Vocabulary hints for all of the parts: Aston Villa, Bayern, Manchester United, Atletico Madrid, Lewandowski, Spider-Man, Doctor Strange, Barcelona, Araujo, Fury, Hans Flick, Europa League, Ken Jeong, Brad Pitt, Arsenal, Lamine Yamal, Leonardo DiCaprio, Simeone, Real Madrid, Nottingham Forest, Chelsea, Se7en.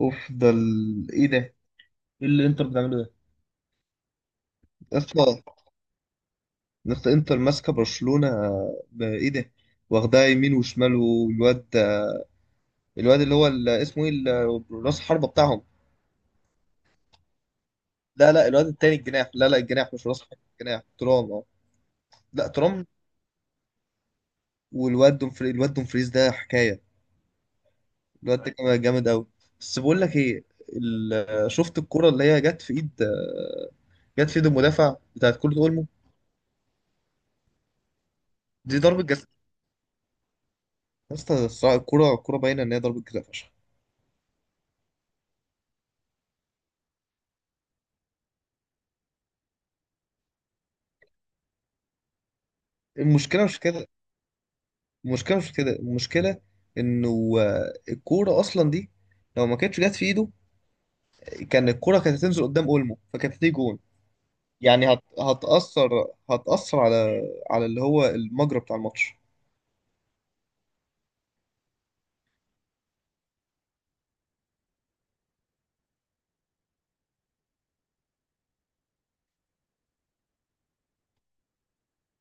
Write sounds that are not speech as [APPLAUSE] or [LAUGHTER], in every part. اوف، ايه ده؟ ايه اللي انتر بتعمله ده اصلا؟ نفس انتر ماسكه برشلونه، ايه ده؟ واخدها يمين وشمال، والواد، الواد اللي هو ال- اسمه ايه راس الحربه بتاعهم؟ لا لا، الواد التاني الجناح، لا لا، الجناح مش راس حربه، الجناح ترام، اه، لا ترام. والواد دومفري الواد دومفريز ده حكايه، الواد ده كمان جامد قوي. بس بقول لك ايه، شفت الكره اللي هي جت في ايد المدافع بتاعت كوره اولمو؟ دي ضربه جزاء، يا اسطى الصراحة الكره باينه ان هي ضربه جزاء فشخ. المشكله مش كده المشكله مش كده المشكله انه الكوره اصلا دي لو ما كانتش جت في ايده كان الكوره كانت هتنزل قدام اولمو، فكانت هتيجي جون. يعني هتاثر على، على اللي هو المجرى بتاع الماتش.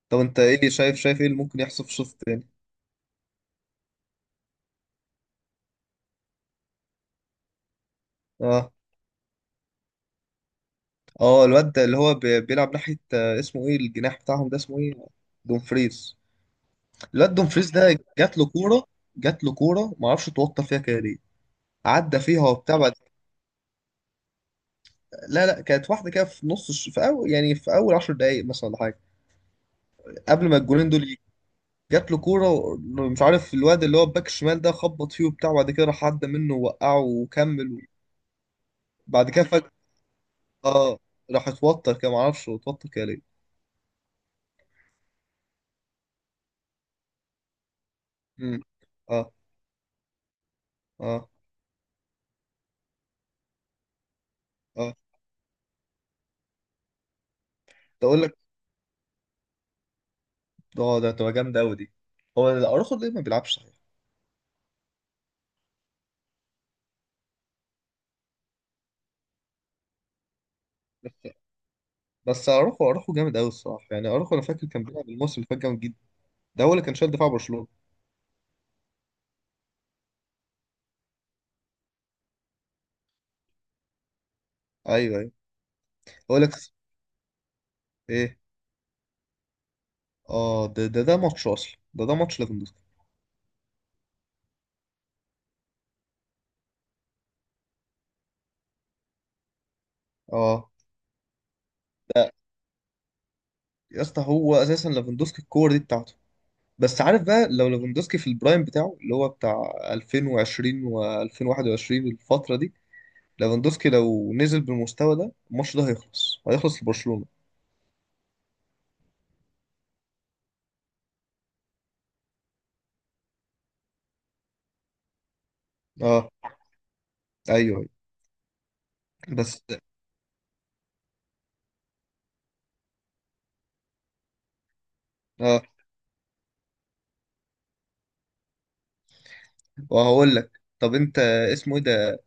طب انت ايه شايف، شايف ايه اللي ممكن يحصل في الشوط الثاني؟ اه اه، الواد ده اللي هو بيلعب ناحيه، اسمه ايه الجناح بتاعهم ده، اسمه ايه؟ دومفريز، الواد دومفريز ده جات له كوره، ما اعرفش اتوتر فيها كده ليه، عدى فيها وبتاع. لا لا، كانت واحده كده في في اول، يعني في اول 10 دقائق مثلا ولا حاجه، قبل ما الجولين دول يجوا. جات له كوره مش عارف الواد اللي هو الباك الشمال ده خبط فيه وبتاع، وبعد كده راح عدى منه ووقعه وكمل. بعد كده فجاه، اه، راح اتوتر كده، معرفش هو اتوتر كده ليه. مم. اه اه اه، تقول لك، اه ده تبقى جامده قوي دي. هو اروخو ليه ما بيلعبش صحيح؟ بس، اروخو جامد قوي الصراحه، يعني اروخو انا فاكر كان بيلعب الموسم اللي فات جامد جدا، ده هو اللي كان شايل دفاع برشلونه. ايوه ايوه، هقول لك ايه، اه ده ماتش، اصلا ده ده ماتش ليفاندوسكي، اه ده. يا اسطى هو اساسا ليفاندوسكي الكور دي بتاعته، بس عارف بقى لو ليفاندوسكي في البرايم بتاعه اللي هو بتاع 2020 و2021 الفترة دي، ليفاندوسكي لو نزل بالمستوى ده الماتش ده هيخلص، هيخلص لبرشلونة. اه، ايوه أيوة. بس، اه، وهقول لك، طب انت، اسمه ايه ده؟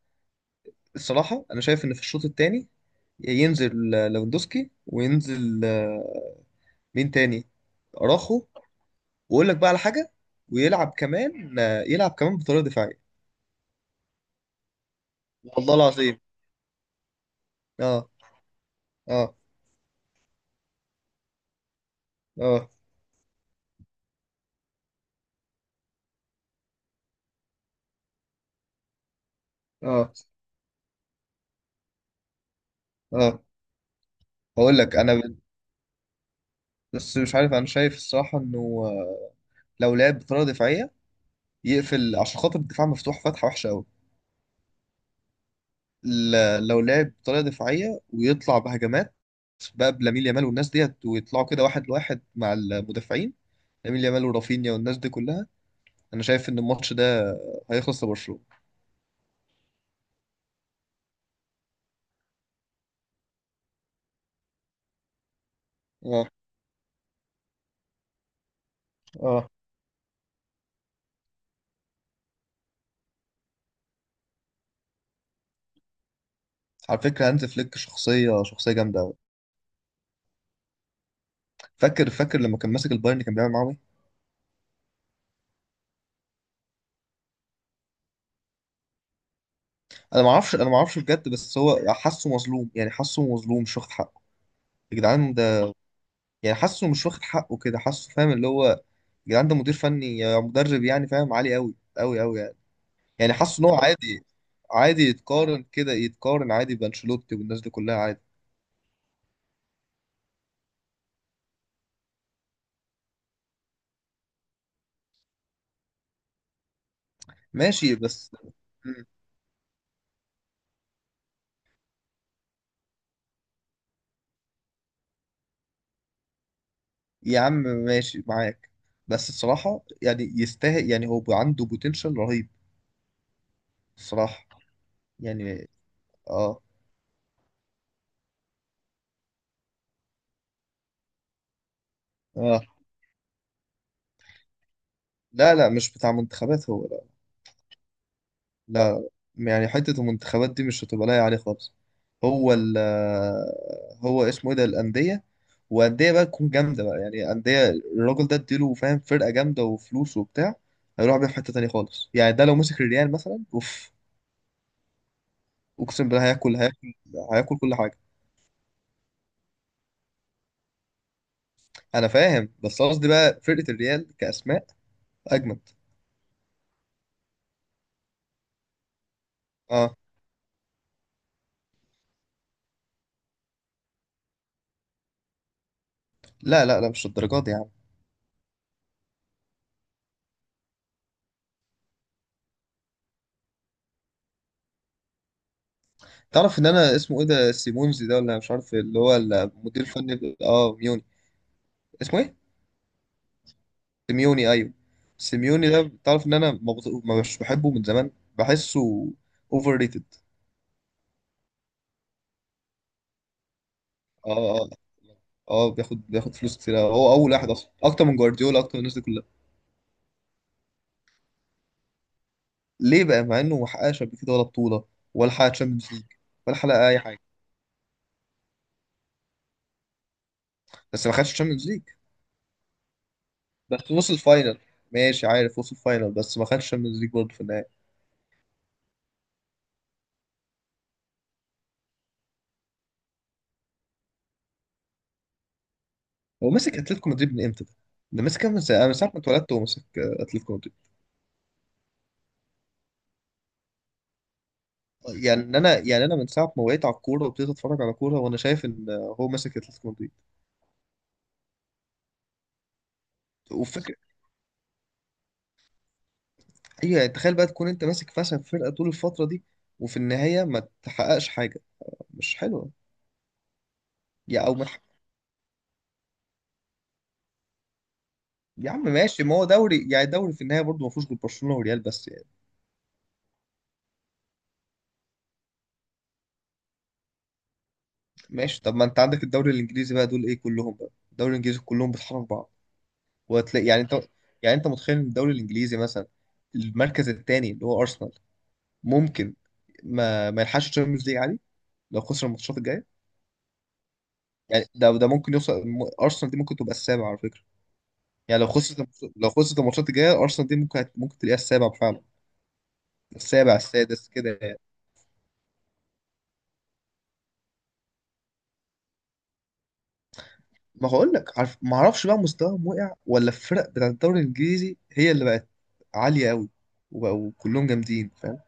الصراحة انا شايف ان في الشوط التاني ينزل ليفاندوسكي وينزل مين تاني؟ اراخو. واقول لك بقى على حاجه، ويلعب كمان، يلعب كمان بطريقه دفاعيه. والله العظيم، اه اه اه اه اه. هقول لك انا ب- بس مش عارف، انا شايف الصراحه انه لو لعب بطريقه دفاعيه يقفل عشان خاطر الدفاع مفتوح فتحه وحشه قوي. لو لعب بطريقه دفاعيه ويطلع بهجمات بقى بلامين يامال والناس ديت، ويطلعوا كده واحد لواحد مع المدافعين، لامين يامال ورافينيا والناس دي كلها، انا شايف ان الماتش ده هيخلص لبرشلونه. اه اه، على فكره هانز فليك شخصيه، شخصيه جامده قوي. فاكر، فاكر لما كان ماسك البايرن كان بيعمل معاهم ايه؟ انا ما اعرفش بجد، بس هو حاسه مظلوم، يعني حاسه مظلوم، مش واخد حقه. يا جدعان ده، يعني حاسه مش واخد حقه كده، حاسه فاهم اللي هو، يا جدعان ده مدير فني يا مدرب، يعني فاهم، عالي قوي قوي قوي يعني. يعني حاسه ان هو عادي، عادي يتقارن كده، يتقارن عادي بانشيلوتي والناس دي كلها، عادي. ماشي بس. مم. يا عم ماشي معاك، بس الصراحة يعني يستاهل، يعني هو عنده بوتنشال رهيب، الصراحة يعني، اه اه. لا لا، مش بتاع منتخبات هو، لا لا. يعني حتة المنتخبات دي مش هتبقى لايقة عليه خالص. هو ال هو اسمه ايه ده؟ الأندية، وأندية بقى تكون جامدة بقى، يعني أندية الراجل ده اديله فاهم فرقة جامدة وفلوس وبتاع، هيروح بيها في حتة تانية خالص. يعني ده لو مسك الريال مثلا، اوف، اقسم بالله هياكل، هياكل كل حاجة. انا فاهم بس قصدي بقى فرقة الريال كأسماء اجمد، اه. لا لا لا، مش الدرجات دي يا عم. تعرف ان انا اسمه ايه ده، سيمونز ده، ولا مش عارف اللي هو المدير الفني، اه ميوني، اسمه ايه؟ سيميوني، ايوه، سيميوني ده تعرف ان انا ما بط- ما مش بحبه من زمان، بحسه اوفر ريتد. اه اه اه، بياخد، بياخد فلوس كتير أوي. هو اول واحد، اصلا اكتر من جوارديولا، اكتر من الناس دي كلها. ليه بقى مع انه ما حققش قبل كده ولا بطوله، ولا حقق تشامبيونز ليج، ولا حقق اي حاجه؟ بس ما خدش تشامبيونز ليج، بس وصل فاينل. ماشي، عارف وصل فاينل، بس ما خدش تشامبيونز ليج برضه في النهايه. هو ماسك اتلتيكو مدريد من امتى ده؟ ده ماسك من ساعة ما اتولدت وهو ماسك اتلتيكو مدريد. يعني انا، يعني انا من ساعة ما وقعت على الكورة وابتديت اتفرج على كورة وانا شايف ان هو ماسك اتلتيكو مدريد. وفكرة، ايوه، يعني تخيل بقى تكون انت ماسك فشل فرقة طول الفترة دي وفي النهاية ما تحققش حاجة، مش حلوة. يا او ما تحقق- يا عم ماشي، ما هو دوري، يعني دوري في النهاية برضه ما فيهوش غير برشلونة وريال بس يعني. ماشي، طب ما انت عندك الدوري الانجليزي بقى، دول ايه كلهم بقى الدوري الانجليزي كلهم بيطحنوا في بعض. وهتلاقي يعني انت، يعني انت متخيل ان الدوري الانجليزي مثلا، المركز الثاني اللي هو ارسنال، ممكن ما يلحقش الشامبيونز ليج عادي لو خسر الماتشات الجايه. يعني ده ده ممكن يوصل، ارسنال دي ممكن تبقى السابع على فكره، يعني لو لو خسرت الماتشات الجايه، ارسنال دي ممكن ممكن تلاقيها السابع فعلا، السابع السادس كده يعني. ما هقول لك، عارف، ما اعرفش بقى مستواهم وقع ولا الفرق بتاعت الدوري الانجليزي هي اللي بقت عاليه قوي وبقوا كلهم جامدين، فاهم.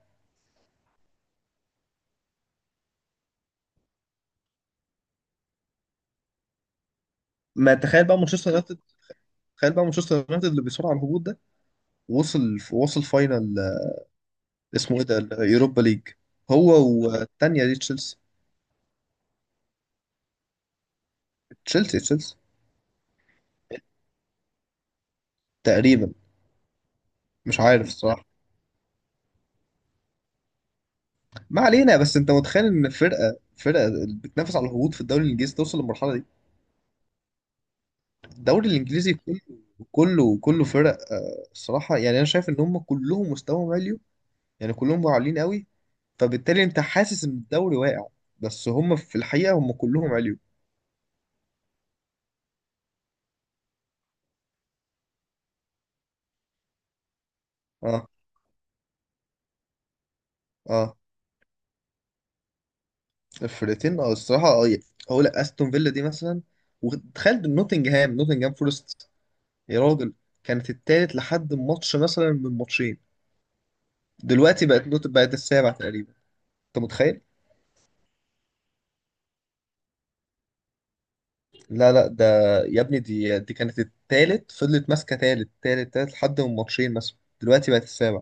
ما تخيل بقى مانشستر يونايتد، تخيل بقى مانشستر يونايتد اللي بيصارع على الهبوط ده، وصل، وصل فاينل، اسمه ايه ده، اليوروبا ليج؟ هو، والتانية دي تشيلسي، تشيلسي تقريبا، مش عارف الصراحة. ما علينا، بس انت متخيل ان فرقة، فرقة بتنافس على الهبوط في الدوري الانجليزي توصل للمرحلة دي؟ الدوري الانجليزي كله، كله فرق، الصراحة يعني، انا شايف ان هم كلهم مستواهم عالي، يعني كلهم عاليين قوي، فبالتالي انت حاسس ان الدوري واقع، بس هم في الحقيقة هم كلهم عالي. اه اه، فرقتين اه الصراحه، اه، هقول لك استون فيلا دي مثلا، وتخيل نوتنجهام، نوتنجهام فورست يا راجل، كانت التالت لحد ماتش مثلا من ماتشين، دلوقتي بقت نوت، بقت السابع تقريبا، انت متخيل؟ لا لا ده، يا ابني دي، دي كانت التالت، فضلت ماسكه تالت تالت تالت لحد من ماتشين مثلا، دلوقتي بقت السابع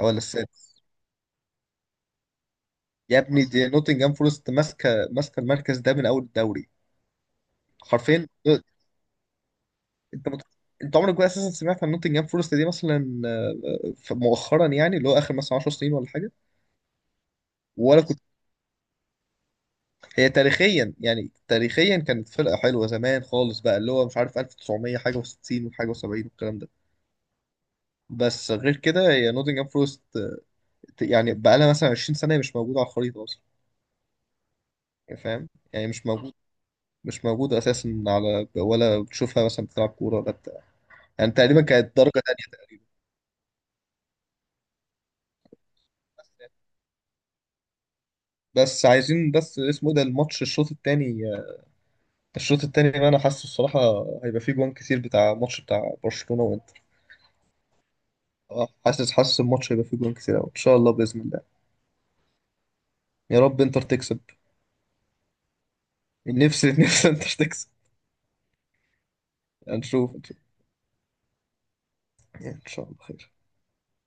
او ولا السادس. يا ابني دي نوتنجهام فورست ماسكه، ماسكه المركز ده من اول الدوري حرفيا. انت مت... انت عمرك بقى اساسا سمعت عن نوتنجهام فورست دي مثلا مؤخرا، يعني اللي هو اخر مثلا 10 سنين ولا حاجه؟ ولا كنت، هي تاريخيا، يعني تاريخيا كانت فرقه حلوه زمان خالص بقى اللي هو مش عارف 1900 حاجه و60 وحاجه و70 والكلام ده. بس غير كده هي نوتنجهام فورست يعني بقى لها مثلا 20 سنه مش موجوده على الخريطه اصلا، يعني فاهم، يعني مش موجود، مش موجود اساسا على، ولا بتشوفها مثلا بتلعب كوره ولا بتاع، يعني تقريبا كانت درجه تانيه. بس عايزين، بس اسمه إيه ده الماتش، الشوط التاني، الشوط التاني بقى انا حاسه الصراحه هيبقى فيه جوان كتير بتاع ماتش بتاع برشلونه. اه حاسس، حاسس الماتش هيبقى فيه جوان كتير قوي ان شاء الله باذن الله. يا رب انتر تكسب، نفسي [LAUGHS] نفسي انتر تكسب. هنشوف، هنشوف. يعني ان شاء الله خير.